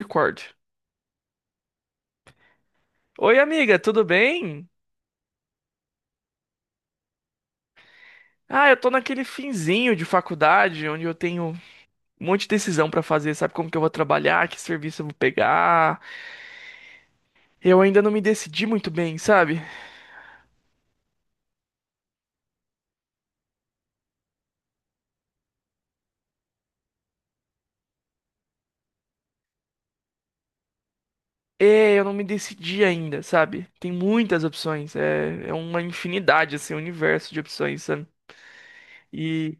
Record. Oi, amiga, tudo bem? Ah, eu tô naquele finzinho de faculdade onde eu tenho um monte de decisão pra fazer, sabe? Como que eu vou trabalhar, que serviço eu vou pegar. Eu ainda não me decidi muito bem, sabe? É, eu não me decidi ainda, sabe? Tem muitas opções, é uma infinidade, assim, um universo de opções, sabe? E.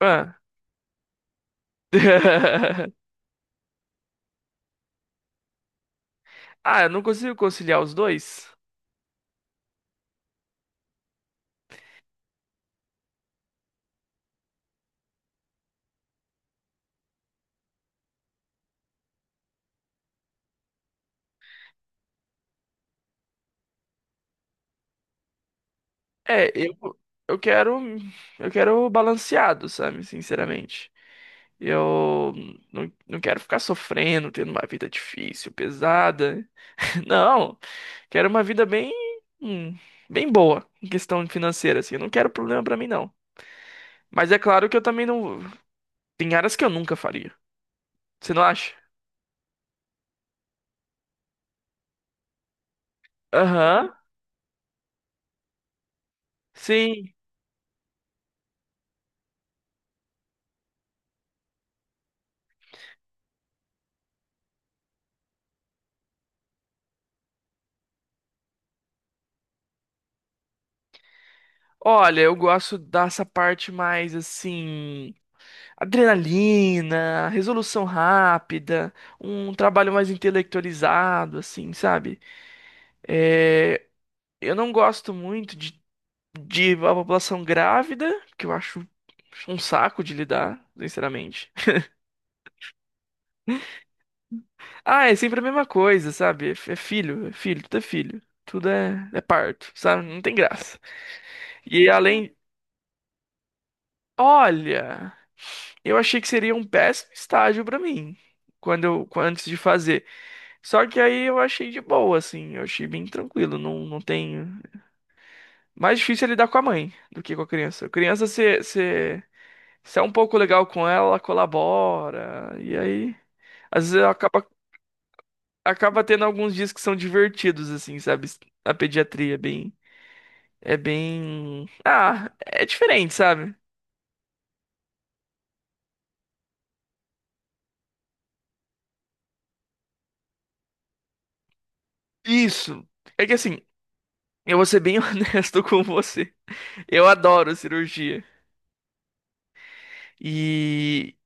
Ah, ah, eu não consigo conciliar os dois? É, eu quero. Eu quero balanceado, sabe? Sinceramente. Eu não quero ficar sofrendo, tendo uma vida difícil, pesada. Não, quero uma vida bem, hum, bem boa em questão financeira, assim. Eu não quero problema pra mim, não. Mas é claro que eu também não. Tem áreas que eu nunca faria. Você não acha? Aham, sim. Olha, eu gosto dessa parte mais assim, adrenalina, resolução rápida, um trabalho mais intelectualizado, assim, sabe? É, eu não gosto muito de a população grávida, que eu acho um saco de lidar, sinceramente. Ah, é sempre a mesma coisa, sabe? É filho, é filho, tudo é filho. Tudo é parto, sabe? Não tem graça. E além. Olha, eu achei que seria um péssimo estágio pra mim. Antes de fazer. Só que aí eu achei de boa, assim. Eu achei bem tranquilo. Não, não tem. Mais difícil é lidar com a mãe do que com a criança. A criança, você é um pouco legal com ela, ela colabora. E aí. Às vezes eu acaba tendo alguns dias que são divertidos, assim, sabe? A pediatria é bem. É bem. Ah, é diferente, sabe? Isso. É que assim, eu vou ser bem honesto com você. Eu adoro cirurgia. E.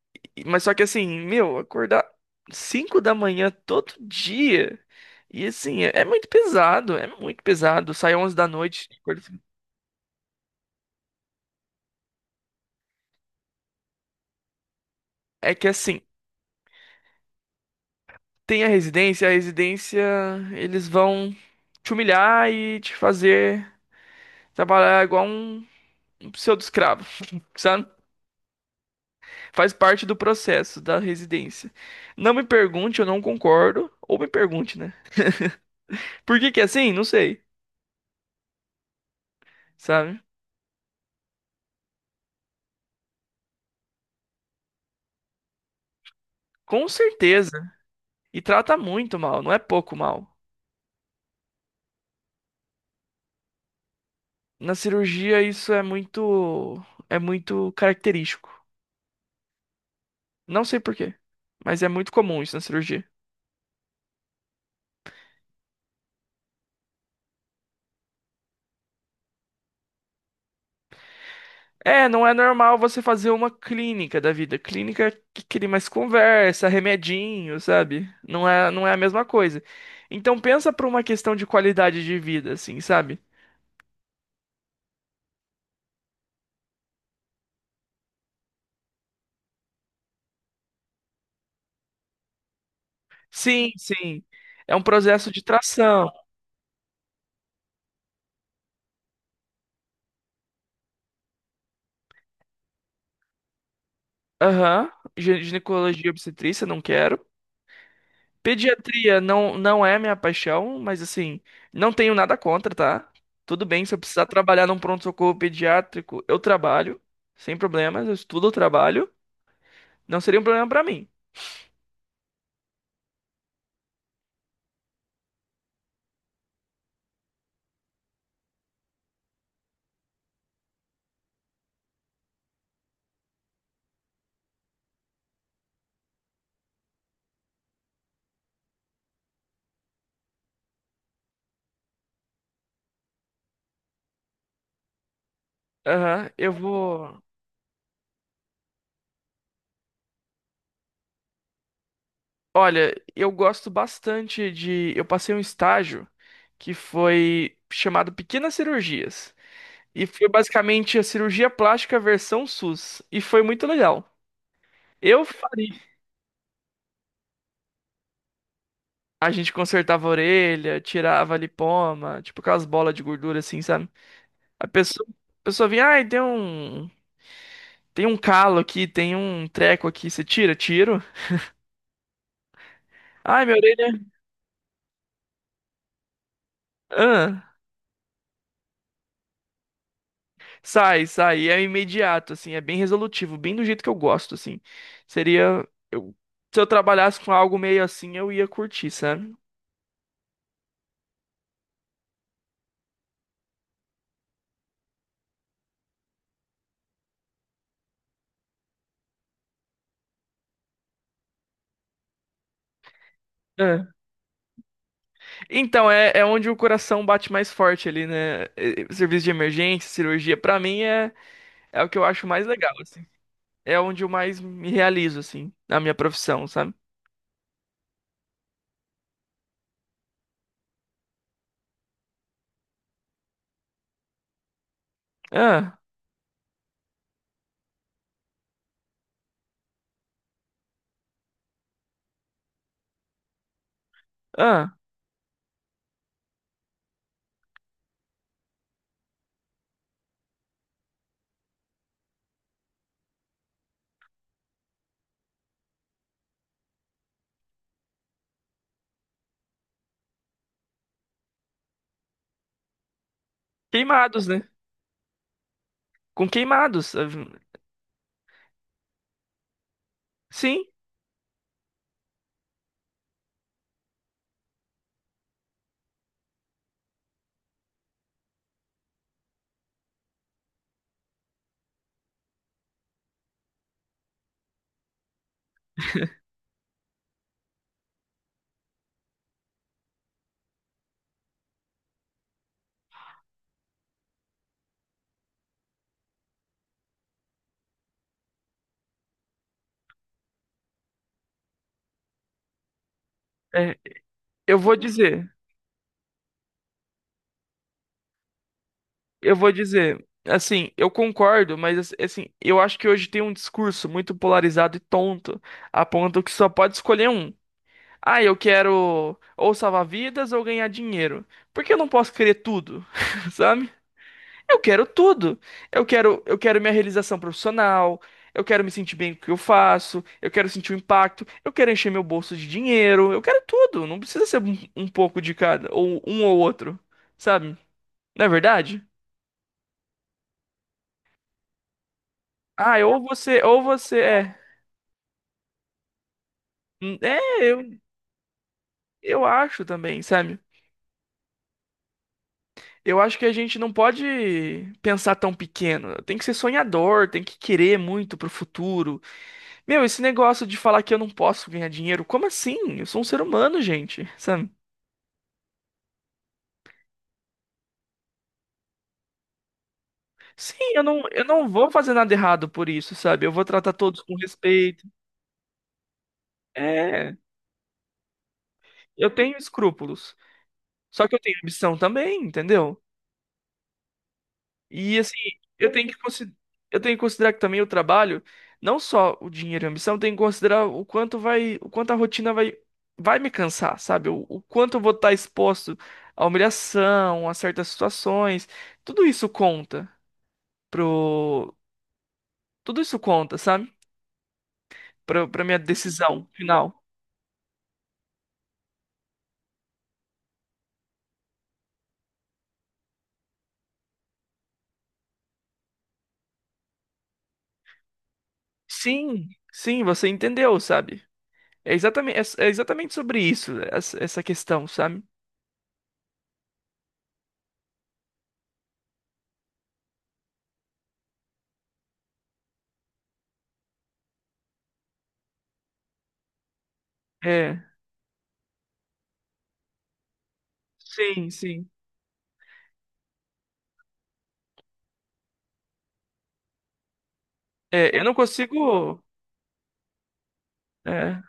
Mas só que assim, meu, acordar 5 da manhã todo dia. E assim, é muito pesado, é muito pesado. Sai 11 da noite. É que assim. Tem a residência eles vão te humilhar e te fazer trabalhar igual um pseudo-escravo, sabe? Faz parte do processo da residência. Não me pergunte, eu não concordo, ou me pergunte, né? Por que que é assim? Não sei, sabe? Com certeza. E trata muito mal, não é pouco mal. Na cirurgia isso é muito característico. Não sei por quê, mas é muito comum isso na cirurgia. É, não é normal você fazer uma clínica da vida. Clínica que cria mais conversa, remedinho, sabe? Não é, não é a mesma coisa. Então pensa para uma questão de qualidade de vida, assim, sabe? Sim, sim. É um processo de tração. Aham. Gi- Ginecologia e obstetrícia, não quero. Pediatria não, não é minha paixão, mas assim, não tenho nada contra, tá? Tudo bem, se eu precisar trabalhar num pronto-socorro pediátrico, eu trabalho, sem problemas, eu estudo, eu trabalho. Não seria um problema pra mim. Aham, eu vou. Olha, eu gosto bastante de. Eu passei um estágio que foi chamado Pequenas Cirurgias. E foi basicamente a cirurgia plástica versão SUS. E foi muito legal. Eu faria. A gente consertava a orelha, tirava lipoma, tipo aquelas bolas de gordura assim, sabe? A pessoa, a pessoa vinha, ai, tem um. Tem um calo aqui, tem um treco aqui, você tira? Tiro. Ai, minha orelha. Ahn. Sai, sai, é imediato, assim, é bem resolutivo, bem do jeito que eu gosto, assim. Seria, eu, Se eu trabalhasse com algo meio assim, eu ia curtir, sabe? É. Então, é onde o coração bate mais forte ali, né? Serviço de emergência, cirurgia, pra mim é o que eu acho mais legal, assim. É onde eu mais me realizo, assim, na minha profissão, sabe? Ah, ah, queimados, né? Com queimados. Ah, Sim, é, eu vou dizer. Eu vou dizer, assim, eu concordo, mas assim, eu acho que hoje tem um discurso muito polarizado e tonto, a ponto que só pode escolher um. Ah, eu quero ou salvar vidas ou ganhar dinheiro. Por que eu não posso querer tudo? Sabe? Eu quero tudo. Eu quero minha realização profissional, eu quero me sentir bem com o que eu faço, eu quero sentir o impacto, eu quero encher meu bolso de dinheiro, eu quero tudo. Não precisa ser um pouco de cada, ou um ou outro, sabe? Não é verdade? Ah, ou você é. É, eu acho também, sabe? Eu acho que a gente não pode pensar tão pequeno. Tem que ser sonhador, tem que querer muito pro futuro. Meu, esse negócio de falar que eu não posso ganhar dinheiro, como assim? Eu sou um ser humano, gente, sabe? Sim, eu não vou fazer nada errado por isso, sabe? Eu vou tratar todos com respeito. É, eu tenho escrúpulos. Só que eu tenho ambição também, entendeu? E assim, eu tenho que consi- eu tenho que considerar que também o trabalho, não só o dinheiro e a ambição, eu tenho que considerar o quanto vai, o quanto a rotina vai me cansar, sabe? O quanto eu vou estar exposto à humilhação, a certas situações. Tudo isso conta pro, tudo isso conta, sabe? Pra minha decisão final. Sim, sim, você entendeu, sabe? É exatamente, é exatamente sobre isso, essa questão, sabe? É, sim, sim. É, eu não consigo. é.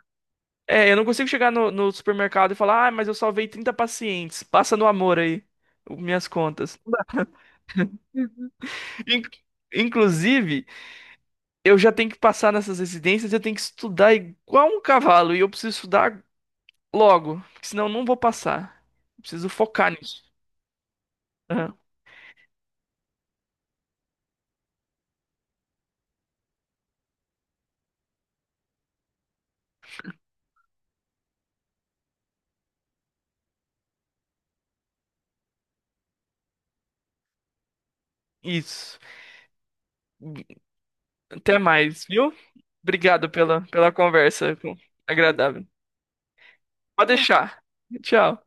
É, eu não consigo chegar no, no supermercado e falar, ah, mas eu salvei 30 pacientes. Passa no amor aí, minhas contas. In- inclusive, eu já tenho que passar nessas residências, eu tenho que estudar igual um cavalo, e eu preciso estudar logo, porque senão eu não vou passar. Eu preciso focar nisso. Aham, Isso. Até mais, viu? Obrigado pela conversa agradável. Pode deixar. Tchau.